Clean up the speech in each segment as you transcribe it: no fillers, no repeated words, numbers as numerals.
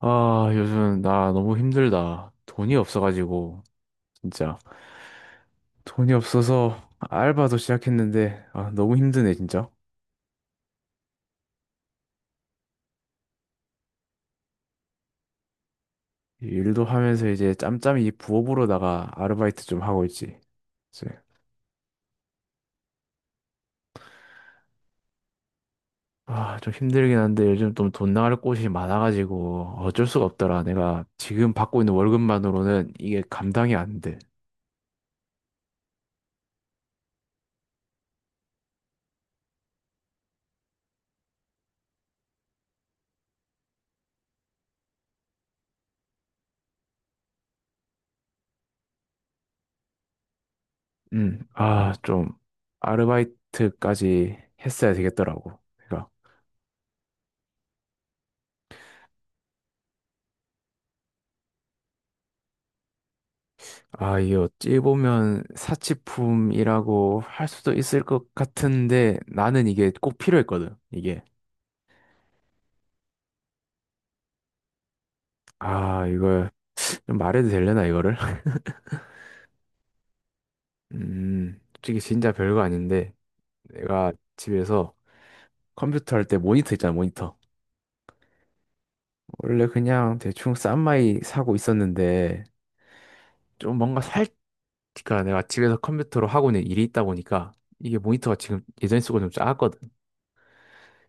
아, 요즘 나 너무 힘들다. 돈이 없어가지고, 진짜. 돈이 없어서 알바도 시작했는데, 아, 너무 힘드네, 진짜. 일도 하면서 이제 짬짬이 부업으로다가 아르바이트 좀 하고 있지. 이제. 아, 좀 힘들긴 한데 요즘 좀 돈 나갈 곳이 많아가지고 어쩔 수가 없더라. 내가 지금 받고 있는 월급만으로는 이게 감당이 안 돼. 아, 좀 아르바이트까지 했어야 되겠더라고. 아, 이게 어찌 보면 사치품이라고 할 수도 있을 것 같은데 나는 이게 꼭 필요했거든. 이게. 아, 이거 좀 말해도 되려나 이거를? 솔직히 진짜 별거 아닌데 내가 집에서 컴퓨터 할 때 모니터 있잖아, 모니터. 원래 그냥 대충 싼 마이 사고 있었는데 좀 뭔가 살 그러니까 내가 집에서 컴퓨터로 하고 있는 일이 있다 보니까 이게 모니터가 지금 예전에 쓰고 좀 작았거든.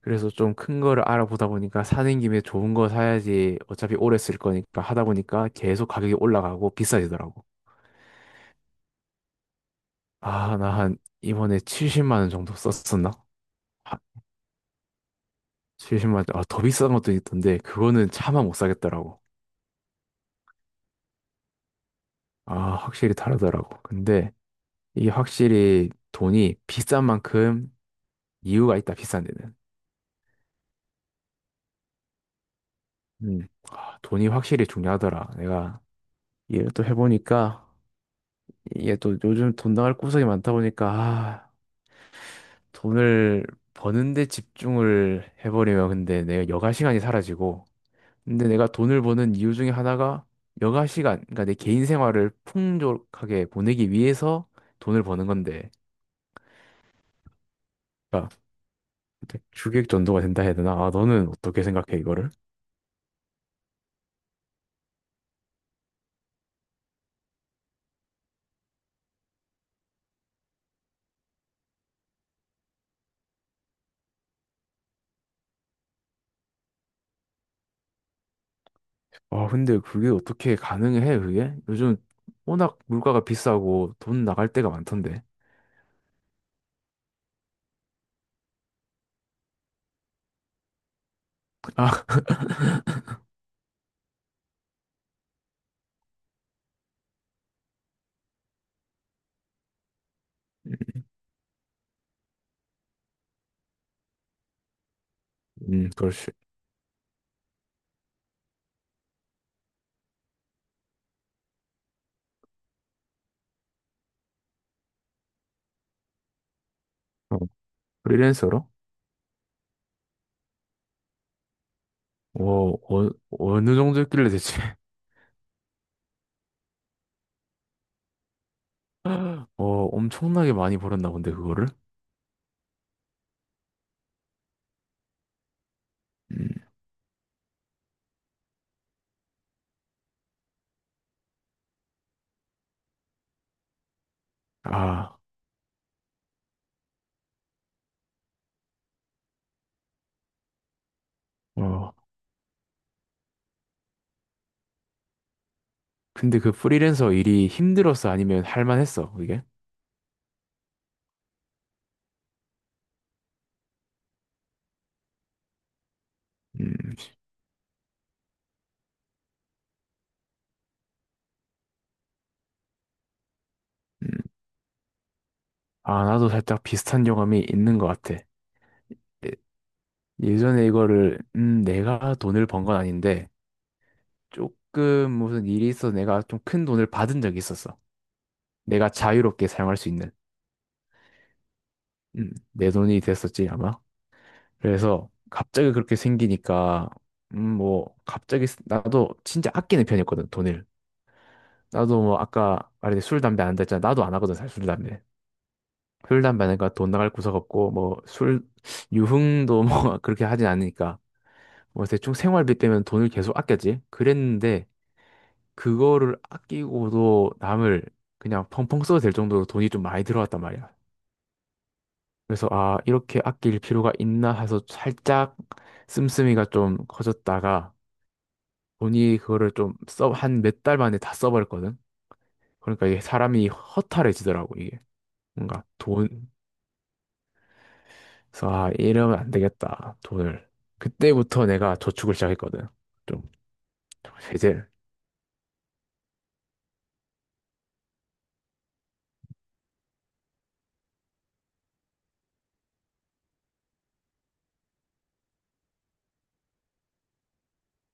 그래서 좀 큰 거를 알아보다 보니까 사는 김에 좋은 거 사야지 어차피 오래 쓸 거니까 하다 보니까 계속 가격이 올라가고 비싸지더라고. 아, 나 한 이번에 70만 원 정도 썼었나? 아, 70만 원, 아, 더 비싼 것도 있던데 그거는 차마 못 사겠더라고. 아, 확실히 다르더라고. 근데 이게 확실히 돈이 비싼 만큼 이유가 있다, 비싼 데는. 음, 아, 돈이 확실히 중요하더라. 내가 이해를 또 해보니까 이게 또 요즘 돈 나갈 구석이 많다 보니까 아, 돈을 버는데 집중을 해버리면 근데 내가 여가 시간이 사라지고 근데 내가 돈을 버는 이유 중에 하나가 여가 시간, 그러니까 내 개인 생활을 풍족하게 보내기 위해서 돈을 버는 건데, 그러니까 주객 전도가 된다 해야 되나? 아, 너는 어떻게 생각해 이거를? 아, 근데 그게 어떻게 가능해 그게? 요즘 워낙 물가가 비싸고 돈 나갈 때가 많던데. 아, 그렇지. 어, 프리랜서로? 어, 어, 어느 정도 했길래 대체? 어, 엄청나게 많이 벌었나 본데, 그거를? 음, 아, 어. 근데 그 프리랜서 일이 힘들었어? 아니면 할만했어, 그게? 음, 음. 아, 나도 살짝 비슷한 경험이 있는 것 같아. 예- 예전에 이거를, 내가 돈을 번 건 아닌데, 조금 무슨 일이 있어서 내가 좀 큰 돈을 받은 적이 있었어. 내가 자유롭게 사용할 수 있는. 내 돈이 됐었지, 아마. 그래서 갑자기 그렇게 생기니까, 뭐, 갑자기, 나도 진짜 아끼는 편이었거든, 돈을. 나도 뭐 아까 말했듯이 술, 담배 안 한다 했잖아. 나도 안 하거든, 사실 술, 담배. 술, 담배 하니까 돈 나갈 구석 없고, 뭐 술, 유흥도 뭐 그렇게 하진 않으니까. 뭐 대충 생활비 빼면 돈을 계속 아꼈지. 그랬는데 그거를 아끼고도 남을 그냥 펑펑 써도 될 정도로 돈이 좀 많이 들어왔단 말이야. 그래서 아, 이렇게 아낄 필요가 있나 해서 살짝 씀씀이가 좀 커졌다가 돈이 그거를 좀 써, 한 몇 달 만에 다 써버렸거든. 그러니까 이게 사람이 허탈해지더라고, 이게. 뭔가 돈, 그래서 아, 이러면 안 되겠다. 돈을. 그때부터 내가 저축을 시작했거든. 좀 제재.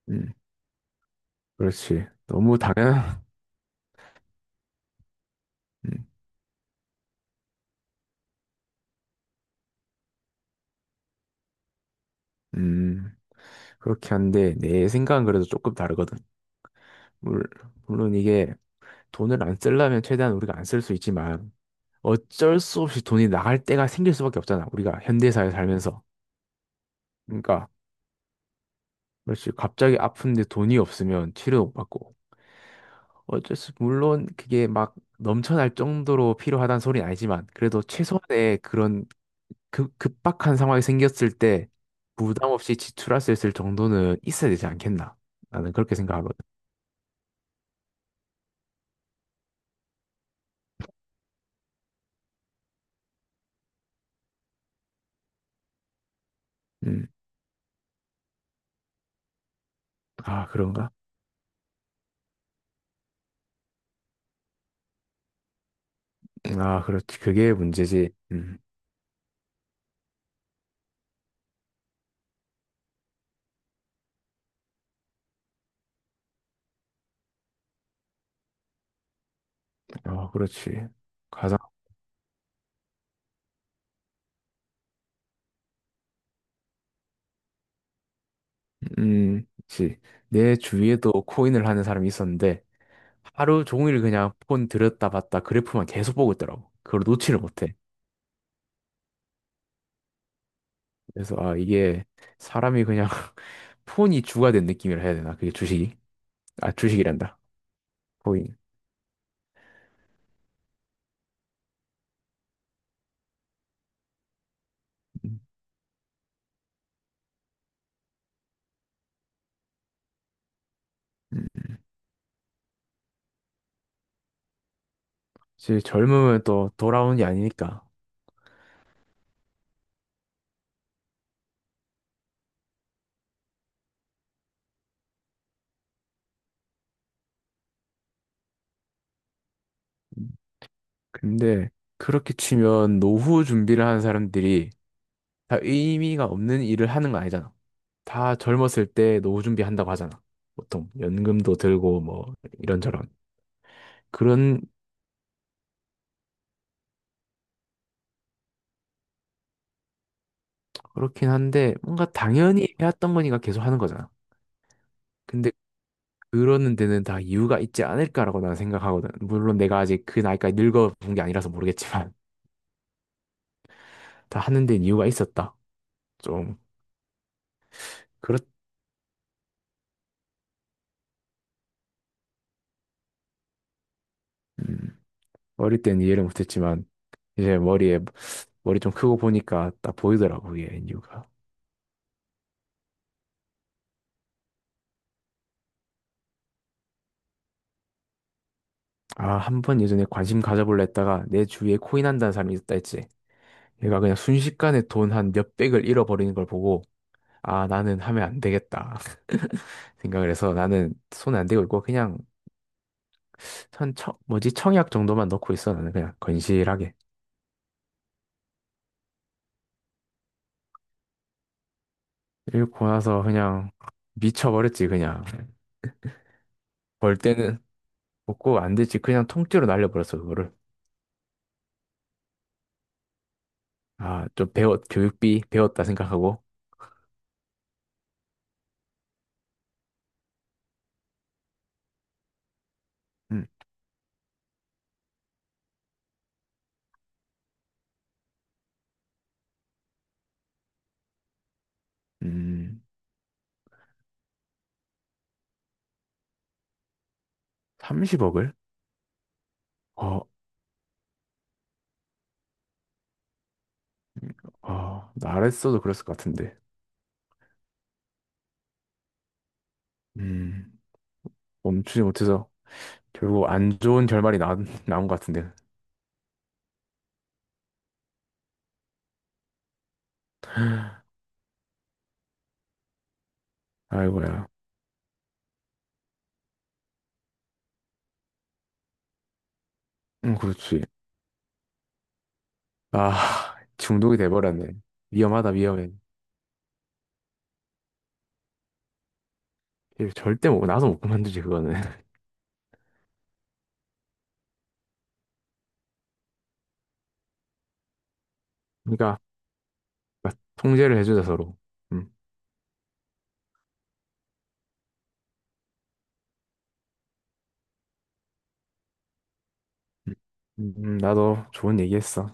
음, 그렇지. 너무 당연한. 음, 음, 그렇게 한데 내 생각은 그래도 조금 다르거든. 물, 물론 이게 돈을 안 쓰려면 최대한 우리가 안 쓸 수 있지만 어쩔 수 없이 돈이 나갈 때가 생길 수밖에 없잖아. 우리가 현대사회 살면서. 그러니까 그렇지. 갑자기 아픈데 돈이 없으면 치료 못 받고. 어쩔 수, 물론 그게 막 넘쳐날 정도로 필요하다는 소리는 아니지만, 그래도 최소한의 그런 급박한 상황이 생겼을 때 부담 없이 지출할 수 있을 정도는 있어야 되지 않겠나? 나는 그렇게 생각하거든. 음, 아, 그런가? 아, 그렇지. 그게 문제지. 아, 그렇지. 가장, 그내 주위에도 코인을 하는 사람이 있었는데, 하루 종일 그냥 폰 들었다 봤다 그래프만 계속 보고 있더라고. 그걸 놓지를 못해. 그래서 아 이게 사람이 그냥 폰이 주가 된 느낌이라 해야 되나? 그게 주식이? 아 주식이란다. 코인. 음, 음. 사실 젊음은 또 돌아오는 게 아니니까. 음, 근데 그렇게 치면 노후 준비를 하는 사람들이 다 의미가 없는 일을 하는 거 아니잖아. 다 젊었을 때 노후 준비한다고 하잖아. 보통 연금도 들고 뭐 이런저런 그런 그렇긴 한데 뭔가 당연히 해왔던 거니까 계속 하는 거잖아. 근데 그러는 데는 다 이유가 있지 않을까라고 나는 생각하거든. 물론 내가 아직 그 나이까지 늙어 본 게 아니라서 모르겠지만 다 하는 데는 이유가 있었다. 좀 그렇 음, 어릴 때는 이해를 못했지만 이제 머리 좀 크고 보니까 딱 보이더라고 그게 이유가. 아, 한 번 예전에 관심 가져볼라 했다가 내 주위에 코인 한다는 사람이 있다 했지. 얘가 그냥 순식간에 돈 한 몇백을 잃어버리는 걸 보고 아, 나는 하면 안 되겠다 생각을 해서 나는 손 안 대고 있고 그냥 한 뭐지? 청약 정도만 넣고 있어, 나는 그냥 건실하게. 읽고 나서 그냥 미쳐버렸지, 그냥. 벌 때는 먹고 안 되지. 그냥 통째로 날려버렸어, 그거를. 아, 교육비 배웠다 생각하고. 음, 음, 30억을? 어, 어, 나랬어도 그랬을 것 같은데. 음, 멈추지 못해서 결국 안 좋은 결말이 나온 것 같은데. 아이고야. 그렇지. 아, 중독이 돼버렸네. 위험하다, 위험해. 이거 절대 못, 나서 못 그만두지, 그거는. 그러니까 그러니까 통제를 해주자 서로. 음. 나도 좋은 얘기했어.